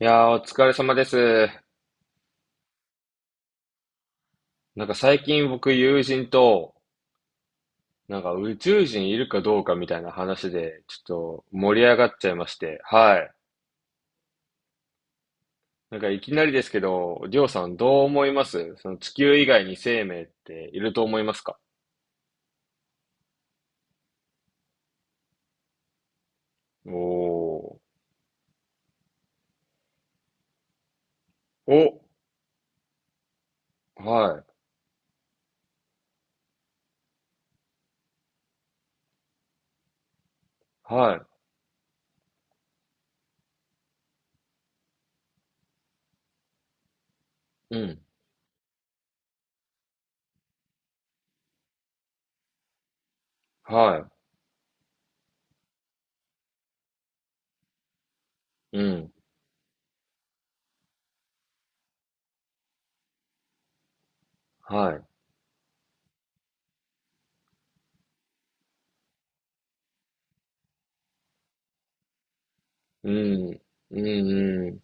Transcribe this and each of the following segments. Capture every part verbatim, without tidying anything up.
いやー、お疲れ様です。なんか最近僕友人と、なんか宇宙人いるかどうかみたいな話で、ちょっと盛り上がっちゃいまして、はい。なんかいきなりですけど、りょうさん、どう思いますその地球以外に生命っていると思いますか？おー。お、はい、はい、うん、はい、うん、はい、うん、うん、うん、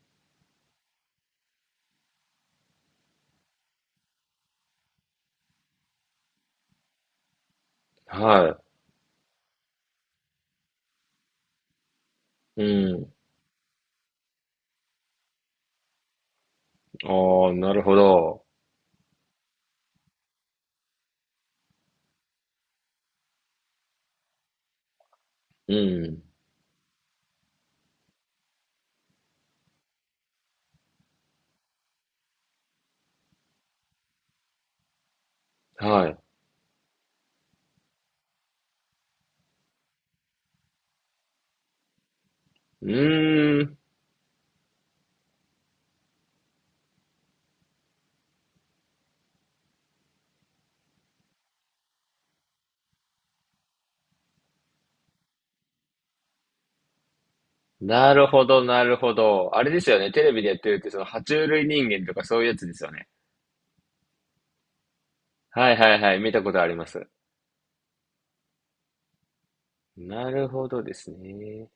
はい、うん、あー、なるほど、うん、はい。うーん、なるほど、なるほど。あれですよね。テレビでやってるって、その、爬虫類人間とかそういうやつですよね。はいはいはい。見たことあります。なるほどですね。い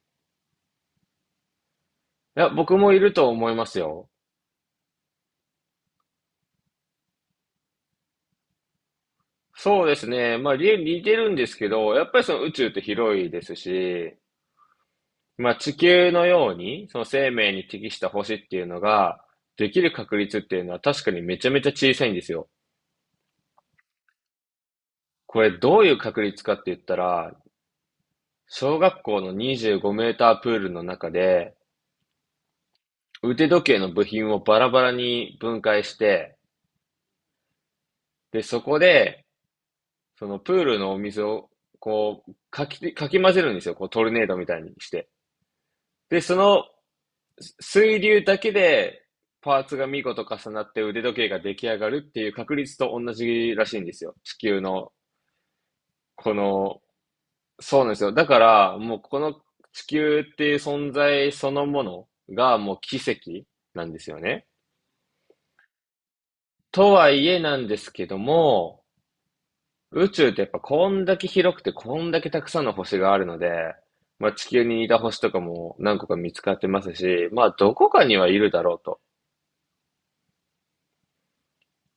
や、僕もいると思いますよ。そうですね。まあ、り似てるんですけど、やっぱりその宇宙って広いですし、まあ、地球のように、その生命に適した星っていうのが、できる確率っていうのは確かにめちゃめちゃ小さいんですよ。これどういう確率かって言ったら、小学校のにじゅうごメーターメータープールの中で、腕時計の部品をバラバラに分解して、で、そこで、そのプールのお水を、こう、かき、かき混ぜるんですよ。こう、トルネードみたいにして。で、その水流だけで、パーツが見事重なって腕時計が出来上がるっていう確率と同じらしいんですよ。地球の、この、そうなんですよ。だから、もうこの地球っていう存在そのものがもう奇跡なんですよね。とはいえなんですけども、宇宙ってやっぱこんだけ広くてこんだけたくさんの星があるので、まあ地球に似た星とかも何個か見つかってますし、まあどこかにはいるだろうと。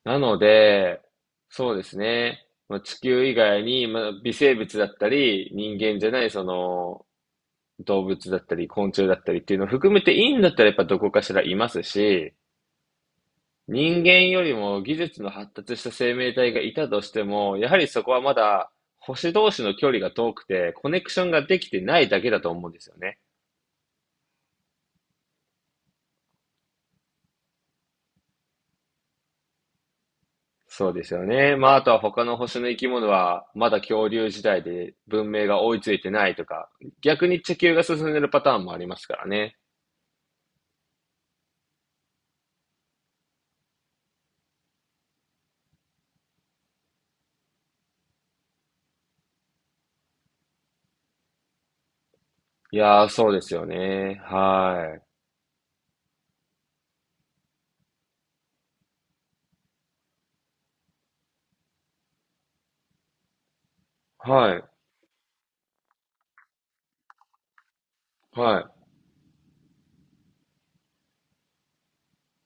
なので、そうですね。まあ、地球以外に、まあ、微生物だったり、人間じゃないその動物だったり、昆虫だったりっていうのを含めていいんだったらやっぱどこかしらいますし、人間よりも技術の発達した生命体がいたとしても、やはりそこはまだ星同士の距離が遠くて、コネクションができてないだけだと思うんですよね。そうですよね。まあ、あとは他の星の生き物は、まだ恐竜時代で文明が追いついてないとか、逆に地球が進んでるパターンもありますからね。いやー、そうですよね。はい。はい。は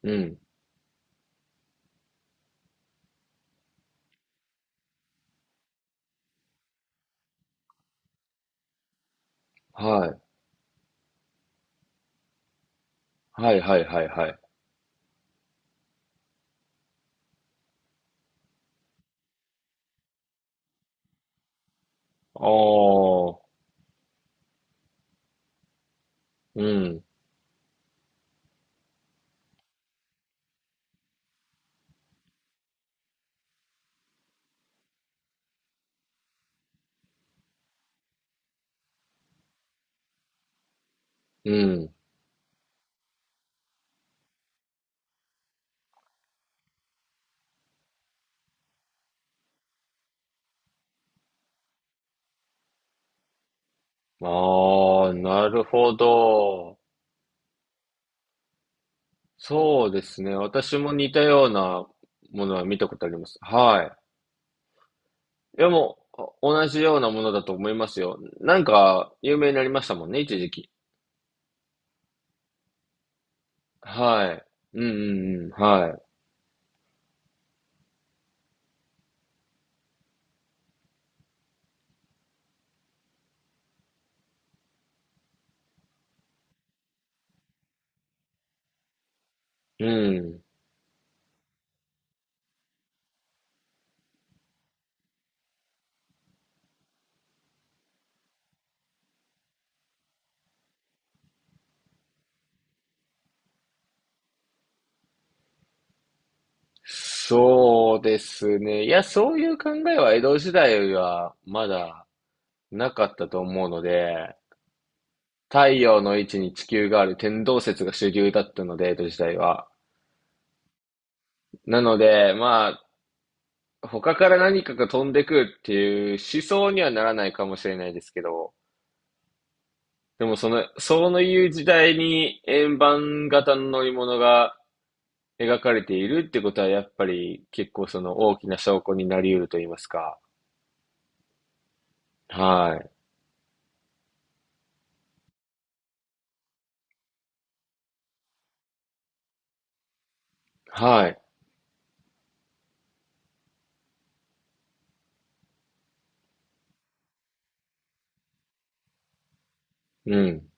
い。うん。はい。はい、はい、はい、はい。あー。うん。うん。ああ、なるほど。そうですね。私も似たようなものは見たことあります。はい。いや、もう、同じようなものだと思いますよ。なんか、有名になりましたもんね、一時期。はい。うんうんうん。はい。うん。そうですね。いや、そういう考えは江戸時代はまだなかったと思うので、太陽の位置に地球がある天動説が主流だったので、江戸時代は。なので、まあ、他から何かが飛んでくるっていう思想にはならないかもしれないですけど、でもその、そういう時代に円盤型の乗り物が描かれているってことは、やっぱり結構その大きな証拠になり得ると言いますか。はい。はい。うん。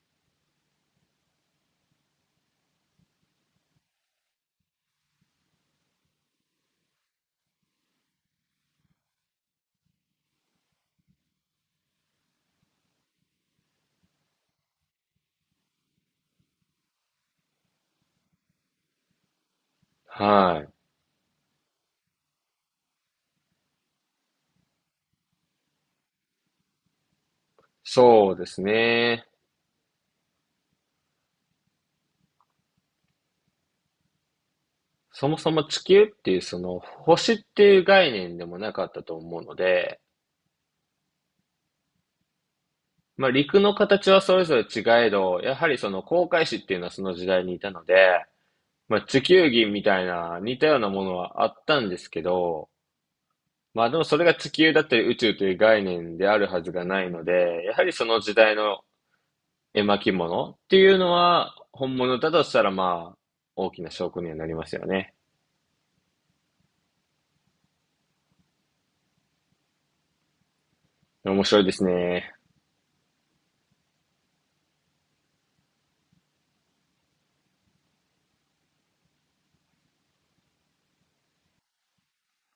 はい。そうですね。そもそも地球っていうその星っていう概念でもなかったと思うので、まあ陸の形はそれぞれ違えど、やはりその航海士っていうのはその時代にいたので、まあ、地球儀みたいな似たようなものはあったんですけど、まあでもそれが地球だったり宇宙という概念であるはずがないので、やはりその時代の絵巻物っていうのは本物だとしたら、まあ大きな証拠にはなりますよね。面白いですね。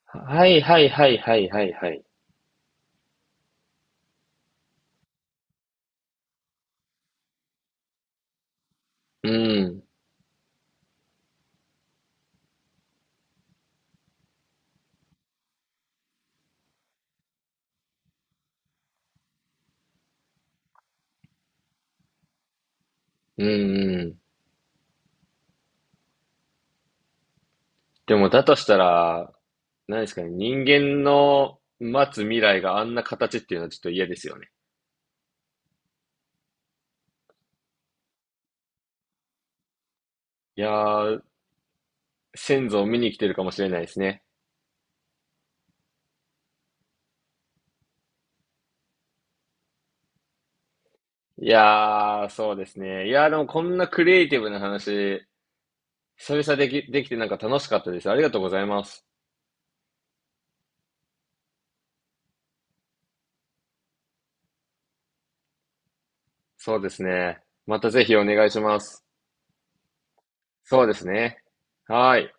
はいはいはいはいはいはい。うん。うんうん。でもだとしたら、何ですかね、人間の待つ未来があんな形っていうのはちょっと嫌ですよね。いやー、先祖を見に来てるかもしれないですね。いやー、そうですね。いやー、でもこんなクリエイティブな話、久々でき、できてなんか楽しかったです。ありがとうございます。そうですね。またぜひお願いします。そうですね。はーい。